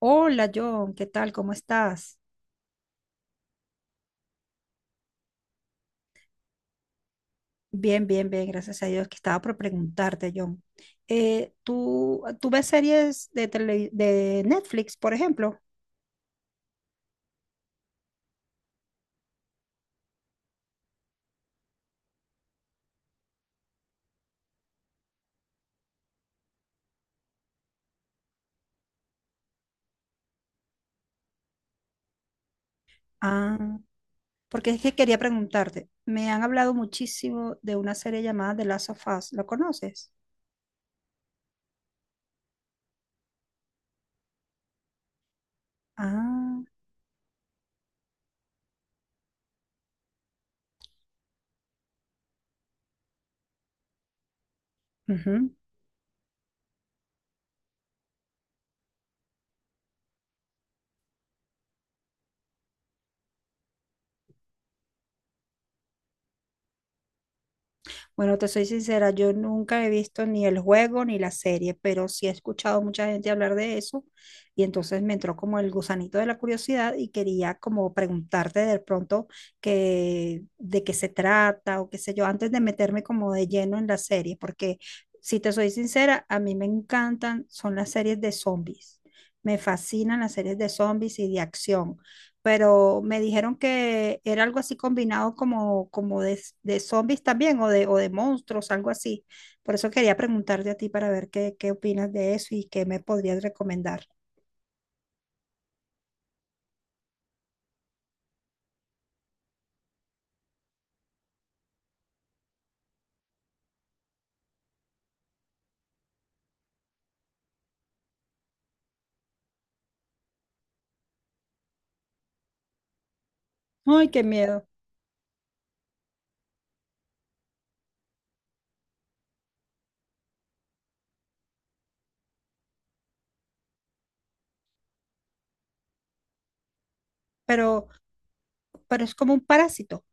Hola John, ¿qué tal? ¿Cómo estás? Bien, bien, bien, gracias a Dios que estaba por preguntarte, John. ¿Tú ves series de, tele- de Netflix, por ejemplo? Ah, porque es que quería preguntarte. Me han hablado muchísimo de una serie llamada The Last of Us. ¿Lo conoces? Ah, ujú. Bueno, te soy sincera, yo nunca he visto ni el juego ni la serie, pero sí he escuchado mucha gente hablar de eso y entonces me entró como el gusanito de la curiosidad y quería como preguntarte de pronto que, de qué se trata o qué sé yo, antes de meterme como de lleno en la serie, porque si te soy sincera, a mí me encantan, son las series de zombies. Me fascinan las series de zombies y de acción, pero me dijeron que era algo así combinado como, como de zombies también o de monstruos, algo así. Por eso quería preguntarte a ti para ver qué, qué opinas de eso y qué me podrías recomendar. Ay, qué miedo, pero, pero es como un parásito.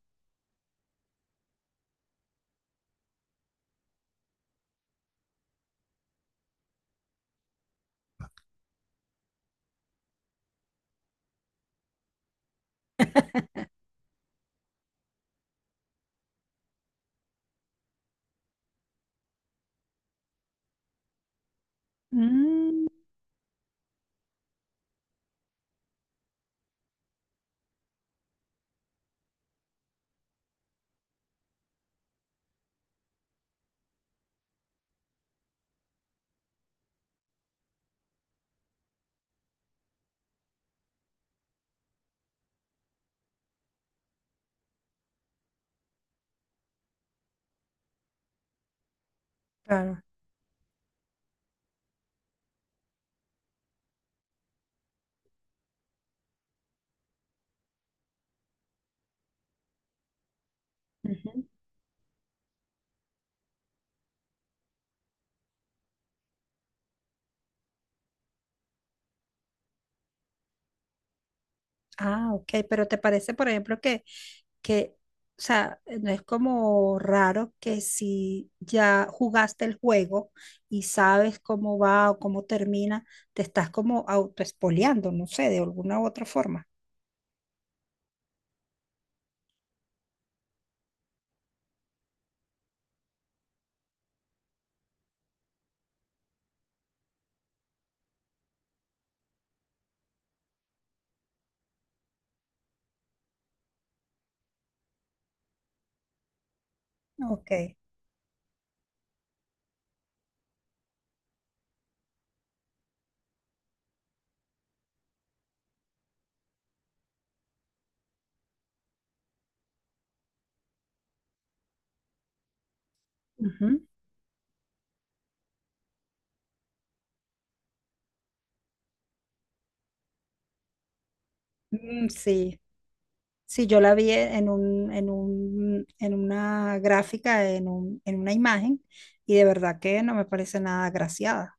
Mm, claro. Ujú. Ah, ok, pero ¿te parece, por ejemplo, que, o sea, no es como raro que si ya jugaste el juego y sabes cómo va o cómo termina, te estás como autoespoleando, no sé, de alguna u otra forma? Ok. Ujú. Mm, sí, sí, yo la vi en una gráfica, en una imagen, y de verdad que no me parece nada agraciada.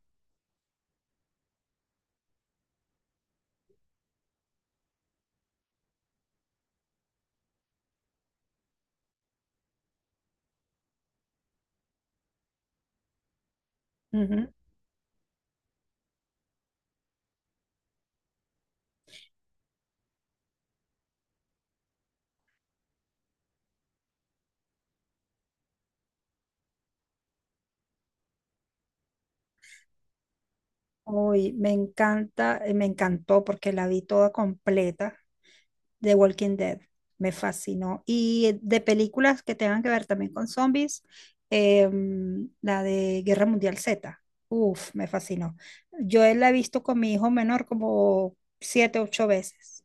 Uy, me encanta, me encantó porque la vi toda completa de Walking Dead. Me fascinó. Y de películas que tengan que ver también con zombies, la de Guerra Mundial Z. Uf, me fascinó. Yo la he visto con mi hijo menor como siete, ocho veces.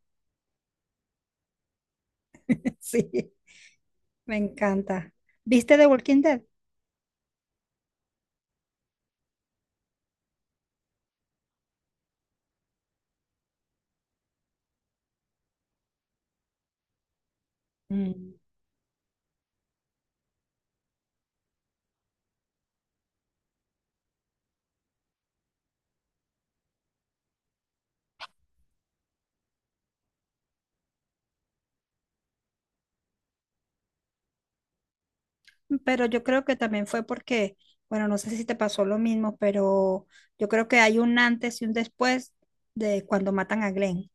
Sí, me encanta. ¿Viste The Walking Dead? Mm. Pero yo creo que también fue porque, bueno, no sé si te pasó lo mismo, pero yo creo que hay un antes y un después de cuando matan a Glenn.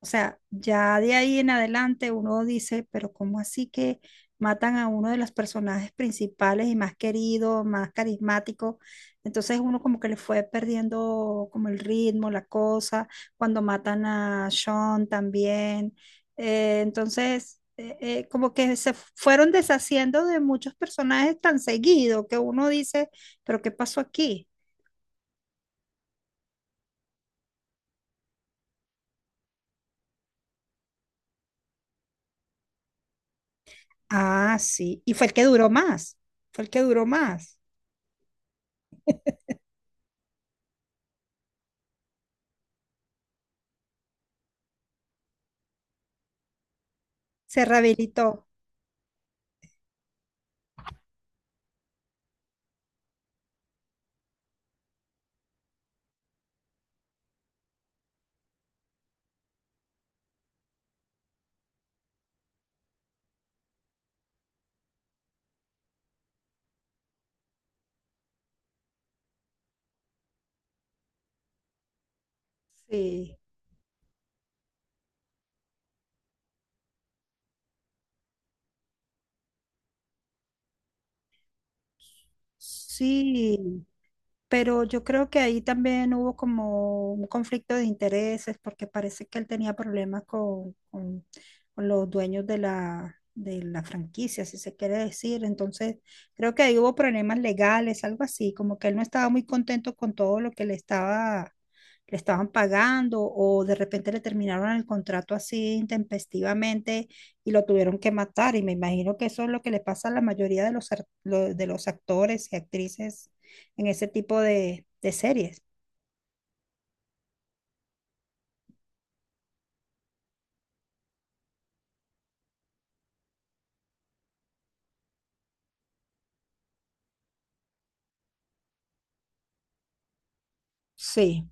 O sea, ya de ahí en adelante uno dice, pero ¿cómo así que matan a uno de los personajes principales y más querido, más carismático? Entonces uno como que le fue perdiendo como el ritmo, la cosa, cuando matan a Sean también. Entonces, como que se fueron deshaciendo de muchos personajes tan seguido que uno dice, pero ¿qué pasó aquí? Ah, sí, y fue el que duró más, fue el que duró más, se rehabilitó. Sí, sí, pero yo creo que ahí también hubo como un conflicto de intereses porque parece que él tenía problemas con los dueños de la franquicia, si se quiere decir. Entonces, creo que ahí hubo problemas legales, algo así, como que él no estaba muy contento con todo lo que le estaba, le estaban pagando o de repente le terminaron el contrato así intempestivamente y lo tuvieron que matar. Y me imagino que eso es lo que le pasa a la mayoría de los actores y actrices en ese tipo de series. Sí,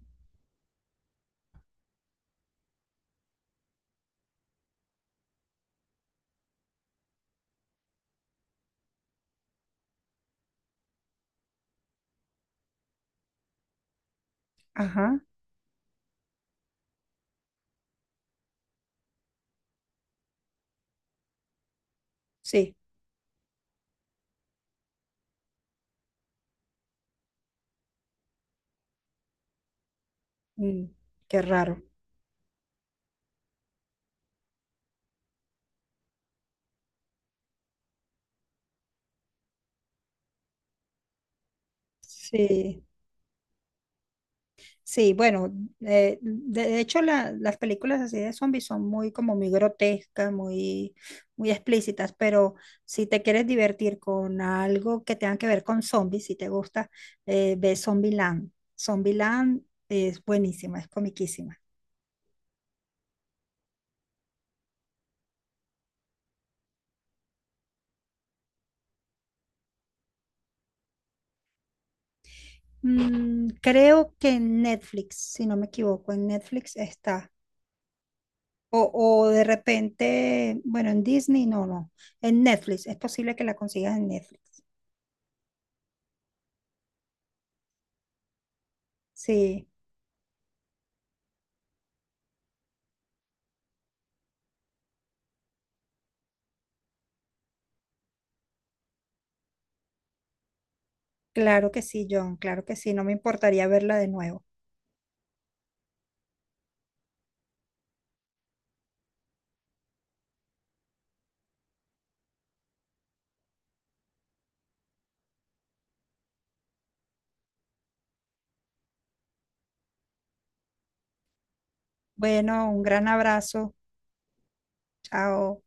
ajá, sí, mm, qué raro. Sí, sí, bueno, de hecho la- las películas así de zombies son muy como muy grotescas, muy, muy explícitas, pero si te quieres divertir con algo que tenga que ver con zombies, si te gusta, ve Zombieland. Zombieland es buenísima, es comiquísima. Mm, creo que en Netflix, si no me equivoco, en Netflix está. O, o de repente, bueno, en Disney, no, no, en Netflix, es posible que la consigas en Netflix. Sí, claro que sí, John, claro que sí, no me importaría verla de nuevo. Bueno, un gran abrazo, chao.